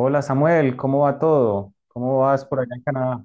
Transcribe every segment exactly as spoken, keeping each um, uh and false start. Hola Samuel, ¿cómo va todo? ¿Cómo vas por allá en Canadá?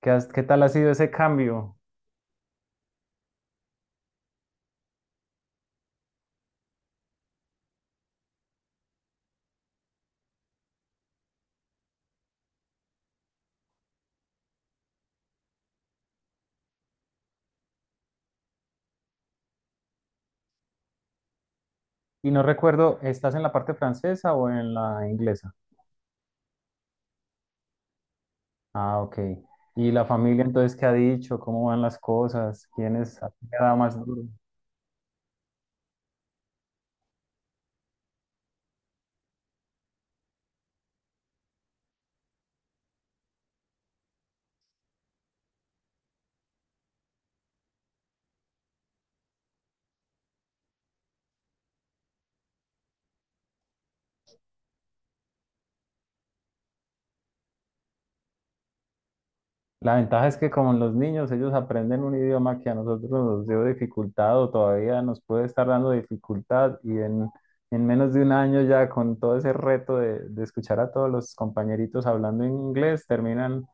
¿Qué has- ¿qué tal ha sido ese cambio? Y no recuerdo, ¿estás en la parte francesa o en la inglesa? Ah, ok. ¿Y la familia entonces qué ha dicho? ¿Cómo van las cosas? ¿Quiénes ha dado más duro? La ventaja es que como los niños, ellos aprenden un idioma que a nosotros nos dio dificultad o todavía nos puede estar dando dificultad y en, en menos de un año ya con todo ese reto de, de escuchar a todos los compañeritos hablando en inglés, terminan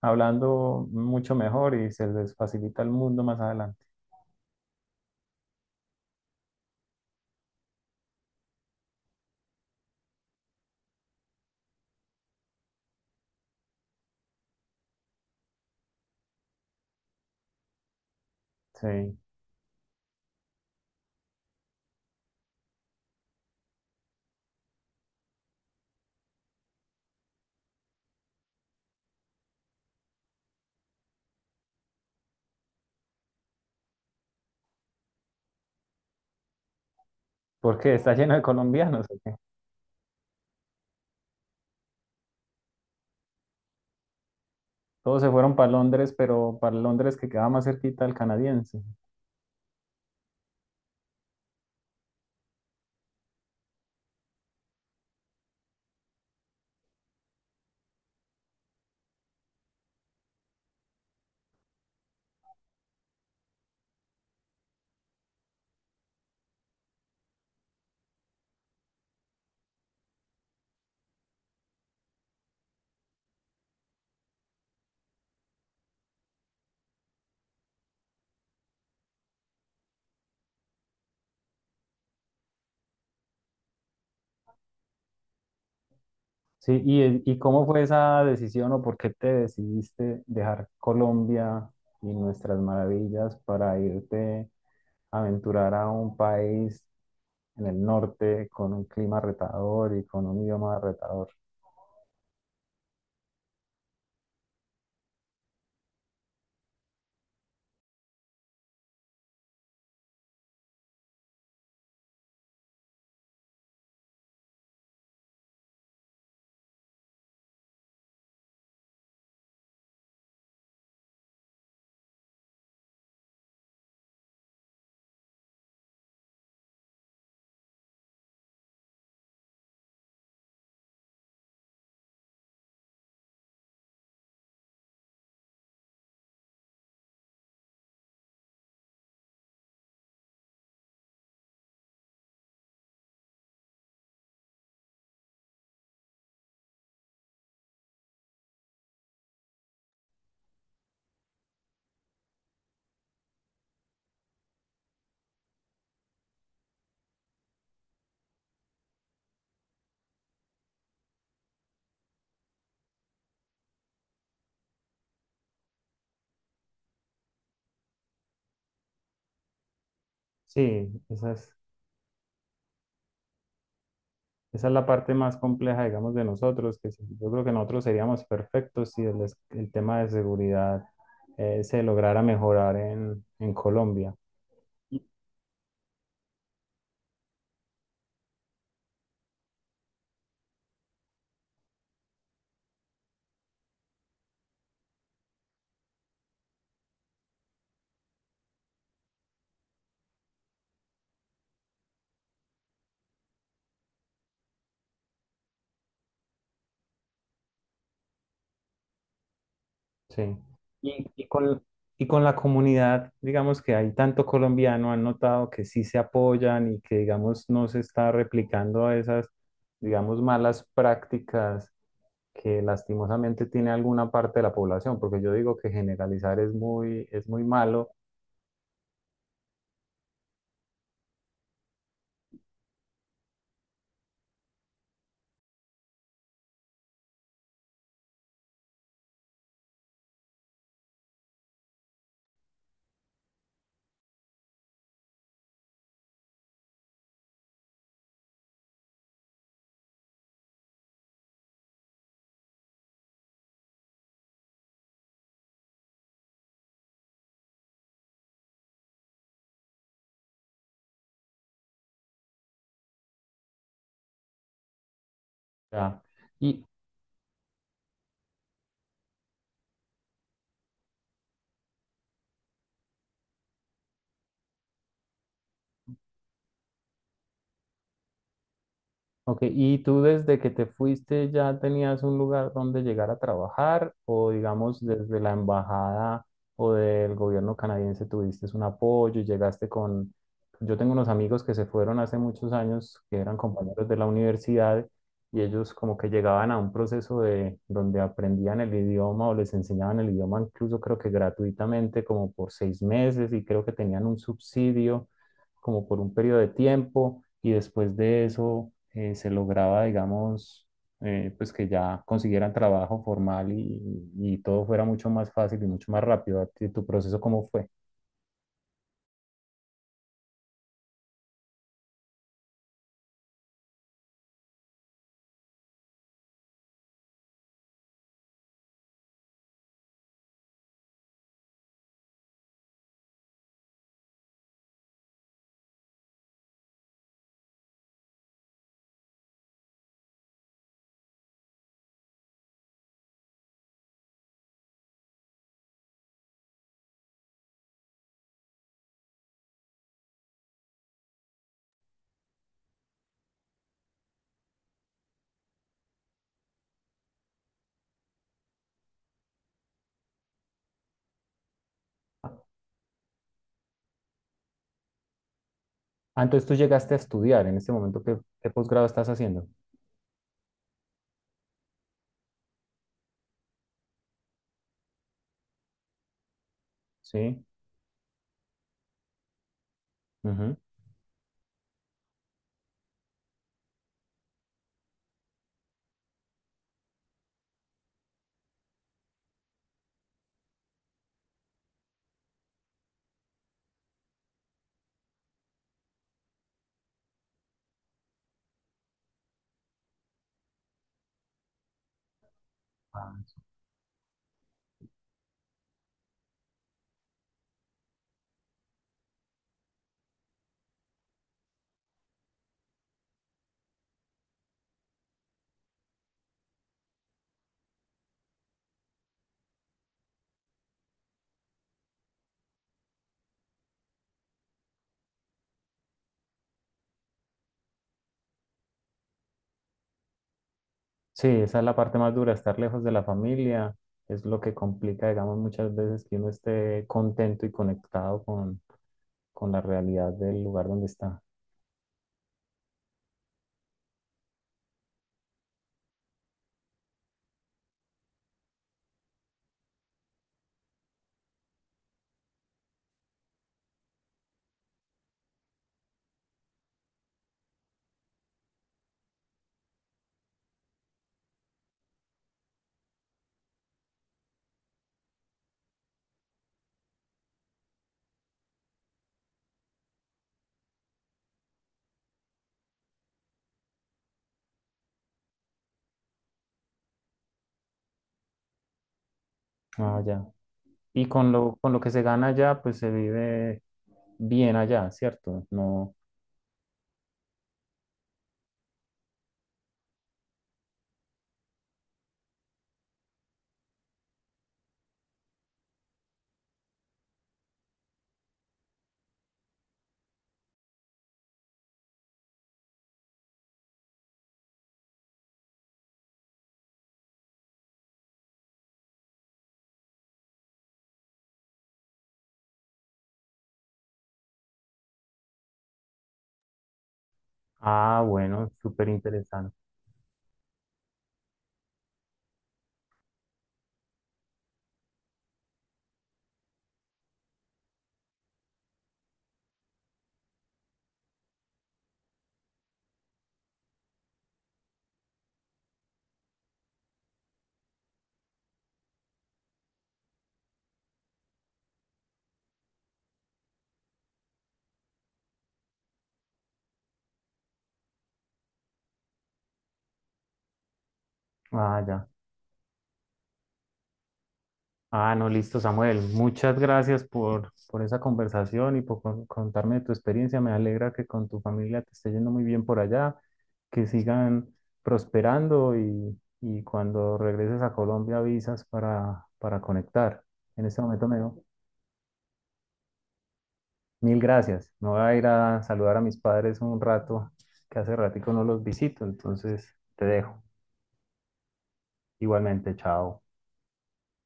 hablando mucho mejor y se les facilita el mundo más adelante. Sí, porque está lleno de colombianos, ¿o qué? Todos se fueron para Londres, pero para Londres que quedaba más cerquita al canadiense. Sí, ¿y, ¿y cómo fue esa decisión o por qué te decidiste dejar Colombia y nuestras maravillas para irte a aventurar a un país en el norte con un clima retador y con un idioma retador? Sí, esa es, esa es la parte más compleja, digamos, de nosotros, que sí, yo creo que nosotros seríamos perfectos si el, es- el tema de seguridad eh, se lograra mejorar en, en Colombia. Sí. Y, y con, y con la comunidad, digamos que hay tanto colombiano, han notado que sí se apoyan y que, digamos, no se está replicando esas, digamos, malas prácticas que lastimosamente tiene alguna parte de la población, porque yo digo que generalizar es muy, es muy malo. Ya. Y, ok, ¿y tú desde que te fuiste ya tenías un lugar donde llegar a trabajar o digamos desde la embajada o del gobierno canadiense tuviste un apoyo y llegaste con... Yo tengo unos amigos que se fueron hace muchos años que eran compañeros de la universidad y ellos como que llegaban a un proceso de donde aprendían el idioma o les enseñaban el idioma, incluso creo que gratuitamente como por seis meses, y creo que tenían un subsidio como por un periodo de tiempo y después de eso eh, se lograba, digamos, eh, pues que ya consiguieran trabajo formal y, y todo fuera mucho más fácil y mucho más rápido. ¿A ti, tu proceso cómo fue? Ah, entonces tú llegaste a estudiar. En este momento, ¿qué, ¿qué posgrado estás haciendo? Sí. Ujú. Ah, sí, esa es la parte más dura, estar lejos de la familia es lo que complica, digamos, muchas veces que uno esté contento y conectado con, con la realidad del lugar donde está. Ah, ya. Y con lo, con lo que se gana allá, pues se vive bien allá, ¿cierto? No. Ah, bueno, súper interesante. Ah, ya. Ah, no, listo, Samuel. Muchas gracias por, por esa conversación y por con- contarme de tu experiencia. Me alegra que con tu familia te esté yendo muy bien por allá, que sigan prosperando y, y cuando regreses a Colombia avisas para, para conectar. En este momento me, mil gracias. Me voy a ir a saludar a mis padres un rato, que hace ratico no los visito, entonces te dejo. Igualmente, chao.